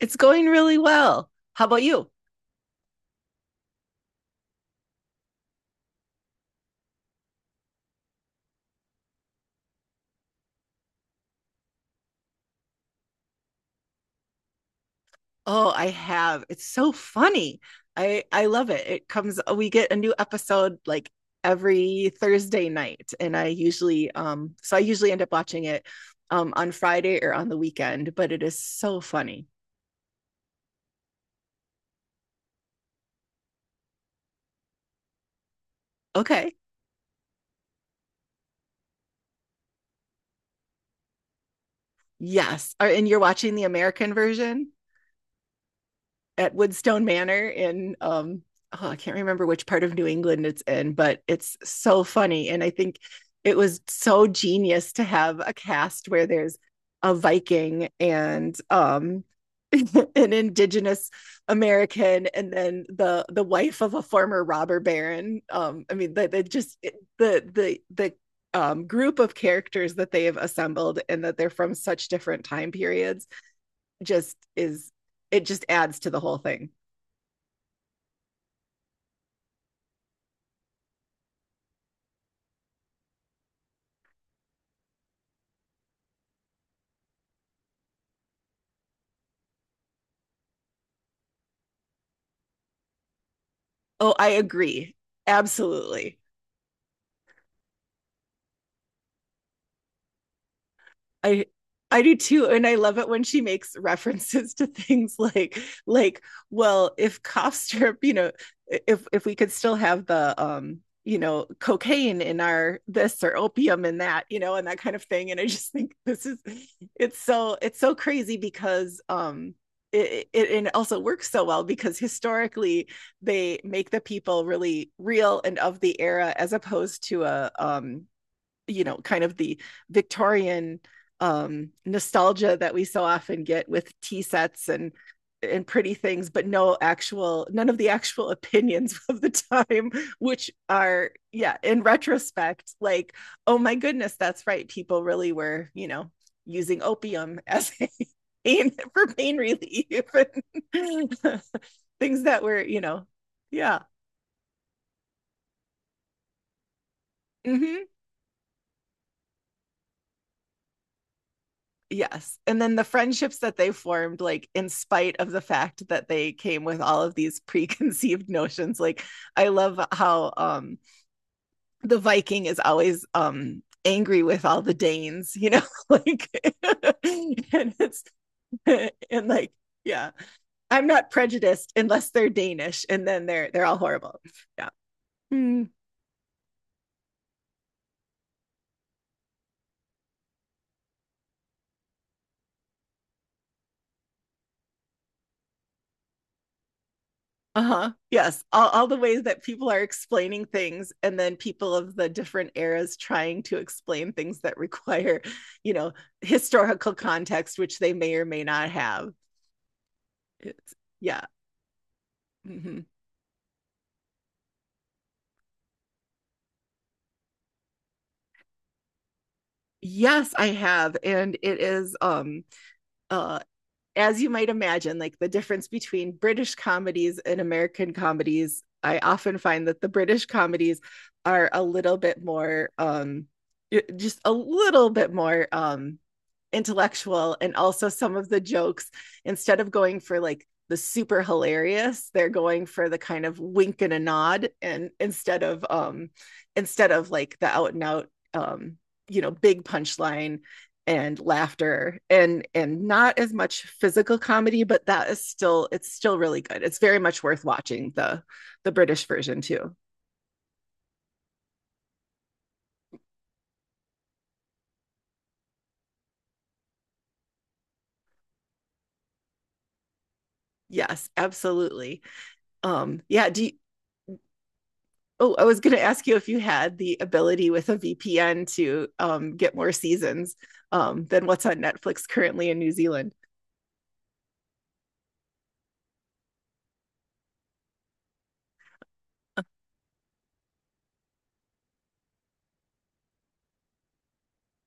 It's going really well. How about you? Oh, I have. It's so funny. I love it. It comes we get a new episode like every Thursday night and I usually so I usually end up watching it on Friday or on the weekend, but it is so funny. Okay. Yes. And you're watching the American version? At Woodstone Manor in oh, I can't remember which part of New England it's in, but it's so funny. And I think it was so genius to have a cast where there's a Viking and an indigenous American and then the wife of a former robber baron. I mean that the just it, the Group of characters that they have assembled and that they're from such different time periods just is it just adds to the whole thing. Oh, I agree. Absolutely. I I do too and I love it when she makes references to things like like well, if cough syrup, if we could still have the cocaine in our this or opium in that and that kind of thing and I just think this is it's so crazy because it also works so well because historically they make the people really real and of the era as opposed to a kind of the Victorian nostalgia that we so often get with tea sets and pretty things but no actual none of the actual opinions of the time which are yeah, in retrospect like oh my goodness that's right people really were, using opium as a pain relief and things that were, yeah. Mm-hmm. Yes. And then the friendships that they formed, like in spite of the fact that they came with all of these preconceived notions. Like I love how the Viking is always angry with all the Danes, you know, like and it's and like, yeah, I'm not prejudiced unless they're Danish and then they're all horrible. Yeah. Hmm. Uh-huh. Yes. All the ways that people are explaining things and then people of the different eras trying to explain things that require, you know, historical context, which they may or may not have. It's yeah. Hmm. Yes, I have. And it is uh as you might imagine, like the difference between British comedies and American comedies, I often find that the British comedies are a little bit more just a little bit more intellectual, and also some of the jokes instead of going for like the super hilarious they're going for the kind of wink and a nod, and instead of like the out and out um you know big punchline and laughter and not as much physical comedy, but that is still it's still really good. It's very much worth watching the British version too. Yes, absolutely. um yeah do, Oh, I was going to ask you if you had the ability with a VPN to get more seasons than what's on Netflix currently in New Zealand.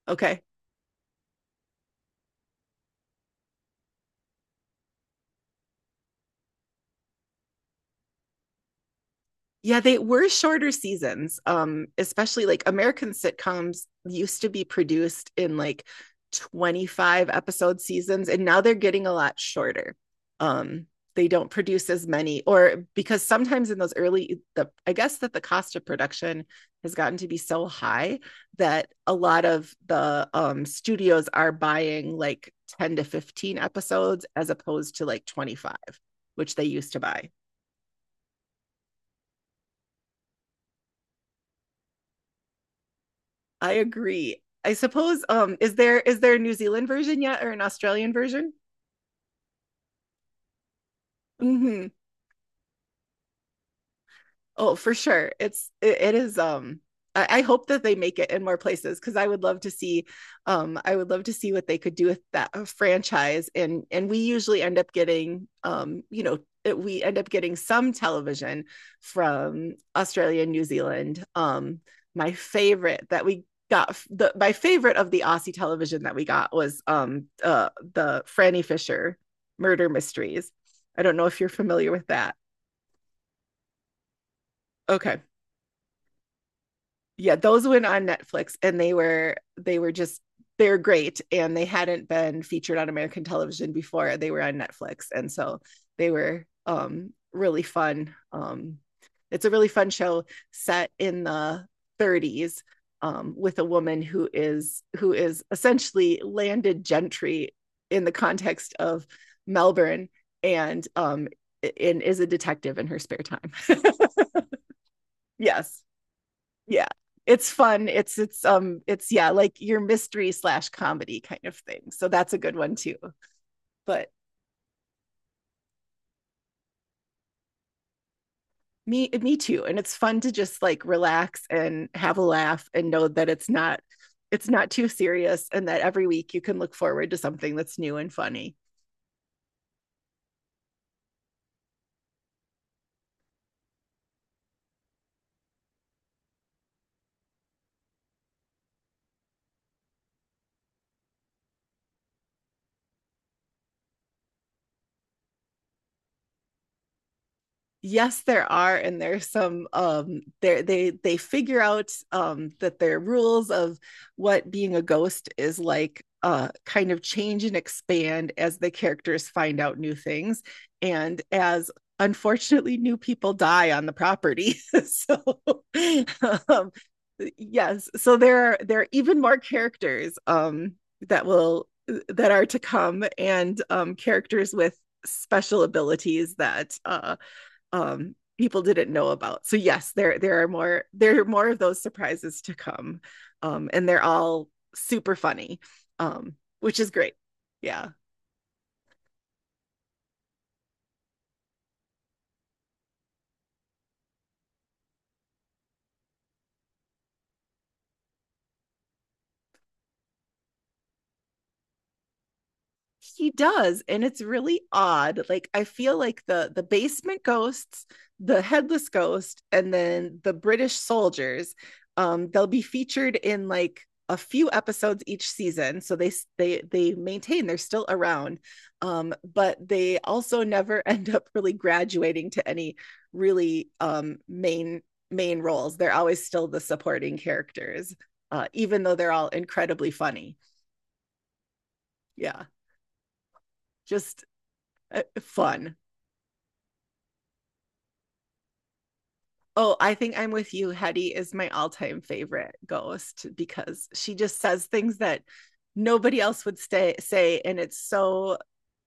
Okay. Yeah, they were shorter seasons. Especially like American sitcoms used to be produced in like 25 episode seasons, and now they're getting a lot shorter. Um, they don't produce as many, or because sometimes in those early, the I guess that the cost of production has gotten to be so high that a lot of the studios are buying like 10 to 15 episodes as opposed to like 25, which they used to buy. I agree. I suppose is there a New Zealand version yet or an Australian version? Mm-hmm. Oh, for sure. It is I hope that they make it in more places because I would love to see I would love to see what they could do with that franchise, and we usually end up getting we end up getting some television from Australia and New Zealand. My favorite that we got The my favorite of the Aussie television that we got was the Franny Fisher murder mysteries. I don't know if you're familiar with that. Okay. Yeah, those went on Netflix and they were just they're great and they hadn't been featured on American television before. They were on Netflix and so they were really fun. Um, it's a really fun show set in the 30s with a woman who is essentially landed gentry in the context of Melbourne and is a detective in her spare time. Yes, yeah, it's fun. It's yeah, like your mystery slash comedy kind of thing, so that's a good one too. But me too, and it's fun to just like relax and have a laugh and know that it's not too serious and that every week you can look forward to something that's new and funny. Yes, there are, and there's some there they figure out that their rules of what being a ghost is like kind of change and expand as the characters find out new things and as unfortunately new people die on the property. So um yes, so there are even more characters that will that are to come, and characters with special abilities that people didn't know about. So yes, there are more of those surprises to come, and they're all super funny, um, which is great. Yeah. He does, and it's really odd. Like I feel like the basement ghosts, the headless ghost, and then the British soldiers, they'll be featured in like a few episodes each season, so they maintain they're still around, but they also never end up really graduating to any really main roles. They're always still the supporting characters, even though they're all incredibly funny. Yeah. just Fun. Oh, I think I'm with you. Hetty is my all time favorite ghost because she just says things that nobody else would say. And it's so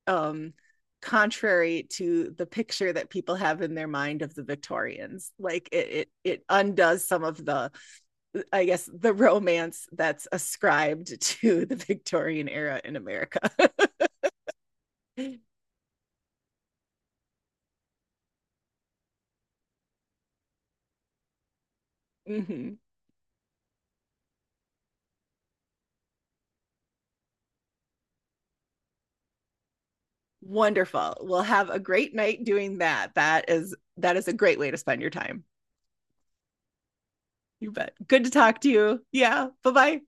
um, contrary to the picture that people have in their mind of the Victorians. Like it undoes some of the, I guess, the romance that's ascribed to the Victorian era in America. Hmm. Wonderful. We'll have a great night doing that. That is a great way to spend your time. You bet. Good to talk to you. Yeah. Bye bye.